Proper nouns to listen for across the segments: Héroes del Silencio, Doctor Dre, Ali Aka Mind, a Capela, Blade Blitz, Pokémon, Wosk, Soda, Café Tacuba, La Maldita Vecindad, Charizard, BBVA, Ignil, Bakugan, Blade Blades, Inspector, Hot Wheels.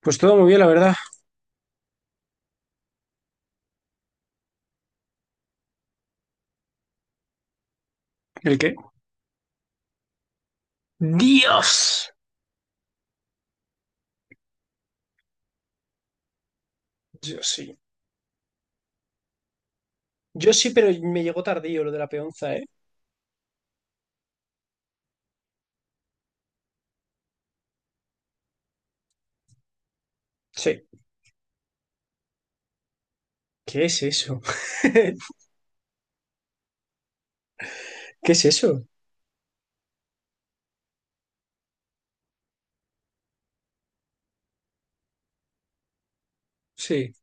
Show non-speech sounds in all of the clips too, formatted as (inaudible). Pues todo muy bien, la verdad. ¿El qué? ¡Dios! Yo sí. Yo sí, pero me llegó tardío lo de la peonza, ¿eh? Sí. ¿Qué es eso? (laughs) ¿Qué es eso? Sí.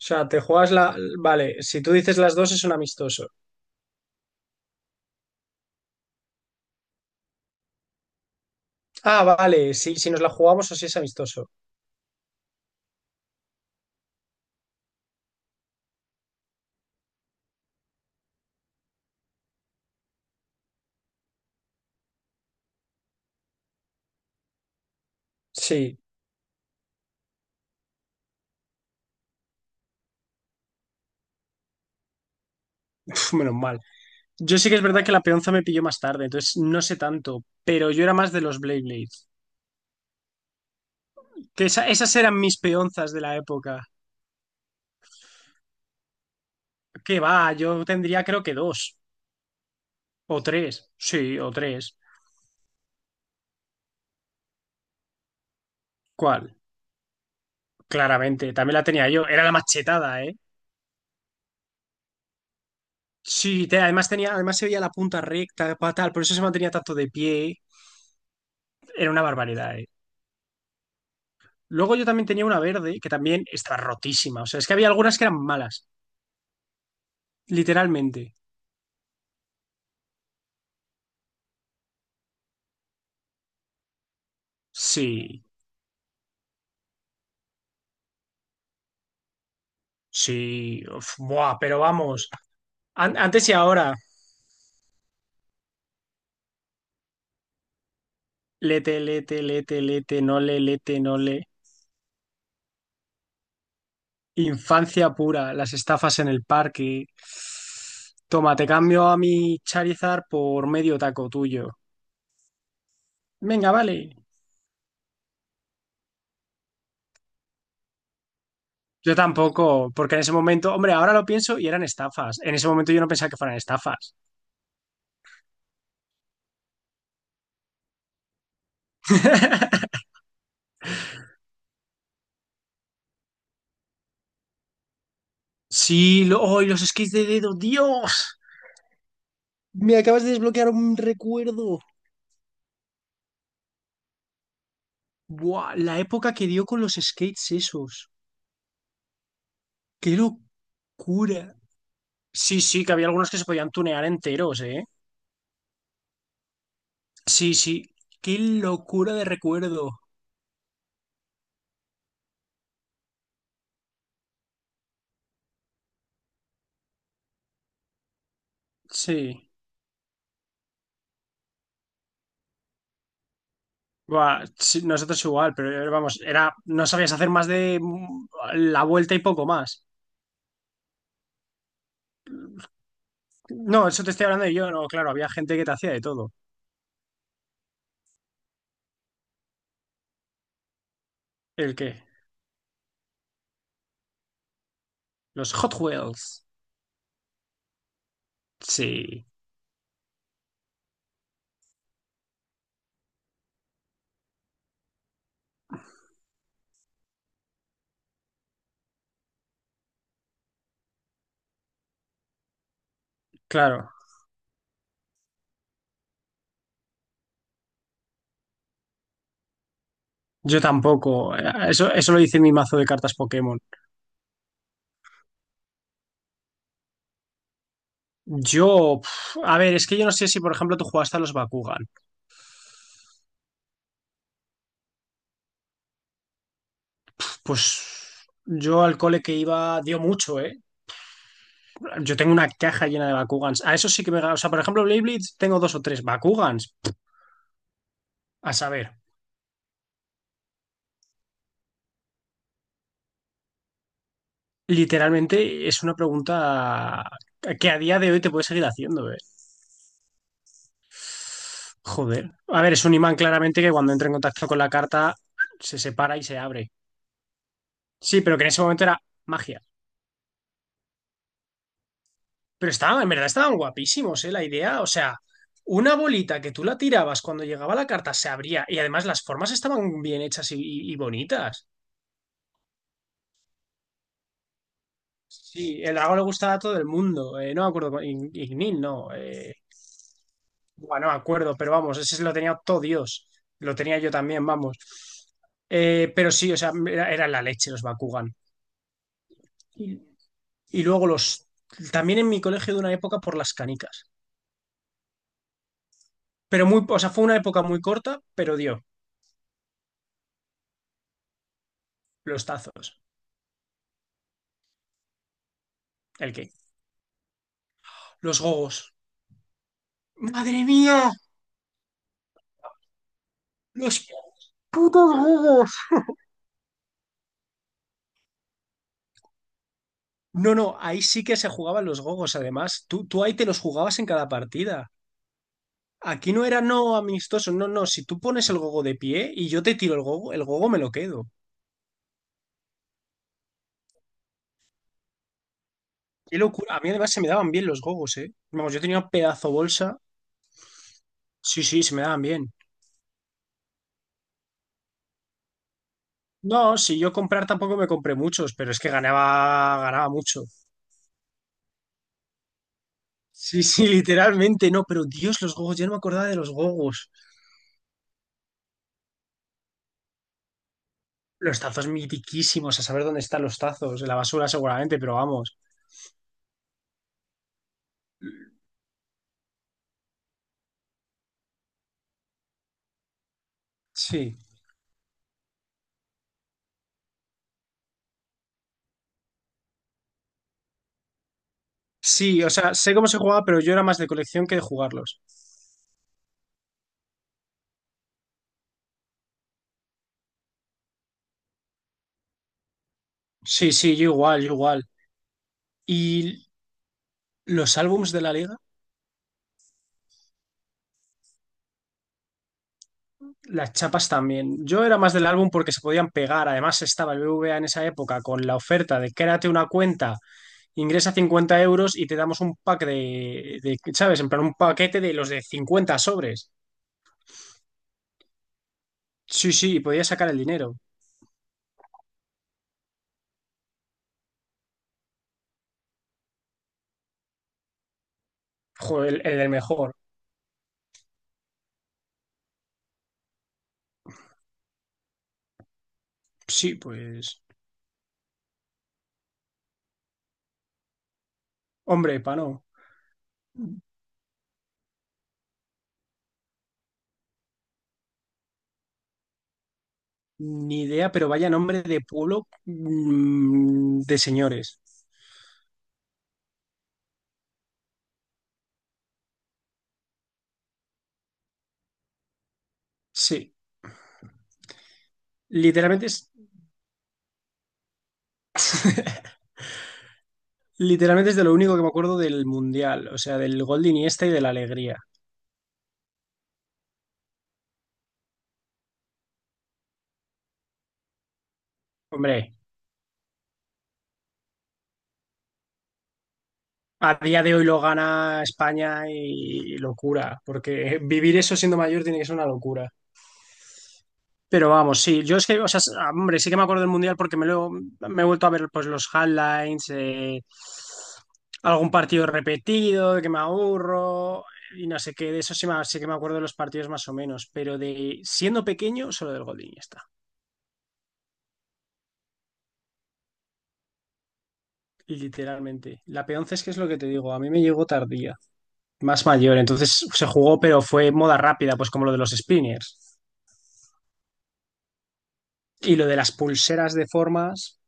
O sea, te juegas la... Vale, si tú dices las dos es un amistoso. Ah, vale, sí, si nos la jugamos o si es amistoso. Sí, pf, menos mal. Yo sí que es verdad que la peonza me pilló más tarde, entonces no sé tanto, pero yo era más de los Blade Blades. Que esas eran mis peonzas de la época. ¿Qué va, yo tendría creo que dos o tres. Sí, o tres. ¿Cuál? Claramente, también la tenía yo. Era la machetada, ¿eh? Sí, además tenía, además se veía la punta recta, por eso se mantenía tanto de pie. Era una barbaridad, ¿eh? Luego yo también tenía una verde que también estaba rotísima. O sea, es que había algunas que eran malas, literalmente. Sí, sí, uf, buah, pero vamos. Antes y ahora. Lete, lete, lete, lete, no le, lete, no le. Infancia pura, las estafas en el parque. Toma, te cambio a mi Charizard por medio taco tuyo. Venga, vale. Yo tampoco, porque en ese momento, hombre, ahora lo pienso y eran estafas. En ese momento yo no pensaba que fueran estafas. (laughs) Sí, ¡ay, los skis de dedo, Dios! Me acabas de desbloquear un recuerdo. Buah, la época que dio con los skates esos. ¡Qué locura! Sí, sí, que había algunos que se podían tunear enteros, ¿eh? Sí, sí. Qué locura de recuerdo. Sí. Buah, sí, nosotros igual, pero vamos, no sabías hacer más de la vuelta y poco más. No, eso te estoy hablando de yo, no, claro, había gente que te hacía de todo. ¿El qué? Los Hot Wheels. Sí. Claro, yo tampoco. Eso, eso lo dice mi mazo de cartas Pokémon. Yo, pf, a ver, es que yo no sé si, por ejemplo, tú jugaste a los Bakugan. Pues yo al cole que iba dio mucho, ¿eh? Yo tengo una caja llena de Bakugans. A eso sí que me... O sea, por ejemplo, Blade Blitz tengo dos o tres Bakugans. A saber, literalmente es una pregunta que a día de hoy te puedes seguir haciendo, ¿eh? Joder. A ver, es un imán claramente que cuando entra en contacto con la carta se separa y se abre. Sí, pero que en ese momento era magia. Pero estaban, en verdad estaban guapísimos, ¿eh? La idea, o sea, una bolita que tú la tirabas cuando llegaba la carta se abría y además las formas estaban bien hechas y bonitas. Sí, el lago le gustaba a todo el mundo. No me acuerdo, Ignil, no. Bueno, no me acuerdo, pero vamos, ese lo tenía todo Dios. Lo tenía yo también, vamos. Pero sí, o sea, era la leche los Bakugan. Y, y luego los... También en mi colegio de una época por las canicas. Pero muy... O sea, fue una época muy corta, pero dio los tazos. El que... Los gogos. ¡Madre mía! ¡Los gogos! No, no, ahí sí que se jugaban los gogos, además. Tú ahí te los jugabas en cada partida. Aquí no era no amistoso, no, no. Si tú pones el gogo de pie y yo te tiro el gogo me lo quedo. Qué locura. A mí además se me daban bien los gogos, ¿eh? Vamos, yo tenía un pedazo bolsa. Sí, sí, se me daban bien. No, si yo comprar tampoco me compré muchos, pero es que ganaba, ganaba mucho. Sí, sí, (laughs) literalmente, no, pero Dios, los gogos, yo no me acordaba de los gogos. Los tazos mitiquísimos, a saber dónde están los tazos, en la basura seguramente, pero vamos. Sí. Sí, o sea, sé cómo se jugaba, pero yo era más de colección que de jugarlos. Sí, sí, yo igual, yo igual. Y los álbums de la liga, las chapas también. Yo era más del álbum porque se podían pegar. Además, estaba el BBVA en esa época con la oferta de créate una cuenta, ingresa 50 euros y te damos un pack de, ¿sabes? En plan, un paquete de los de 50 sobres. Sí, sí, y podías sacar el dinero. Joder, el del mejor. Sí, pues. Hombre, pa' no. Ni idea, pero vaya nombre de pueblo de señores. Sí. Literalmente es (laughs) Literalmente es de lo único que me acuerdo del Mundial, o sea, del gol de Iniesta y de la alegría. Hombre, a día de hoy lo gana España y locura, porque vivir eso siendo mayor tiene que ser una locura. Pero vamos, sí, yo es que, o sea, hombre, sí que me acuerdo del Mundial porque me he vuelto a ver pues los highlights, algún partido repetido, de que me aburro y no sé qué, de eso sí, sí que me acuerdo de los partidos más o menos, pero de siendo pequeño, solo del gol de Iniesta. Literalmente. La P11 es que es lo que te digo, a mí me llegó tardía, más mayor, entonces se jugó, pero fue moda rápida, pues como lo de los spinners. Y lo de las pulseras de formas,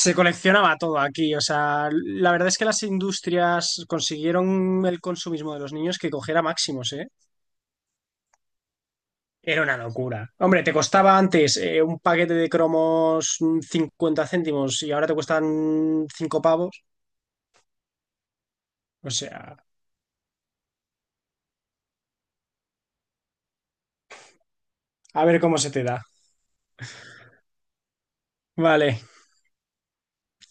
se coleccionaba todo aquí, o sea, la verdad es que las industrias consiguieron el consumismo de los niños que cogiera máximos, ¿eh? Era una locura. Hombre, te costaba antes un paquete de cromos 50 céntimos y ahora te cuestan 5 pavos, o sea, a ver cómo se te da. Vale,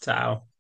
chao.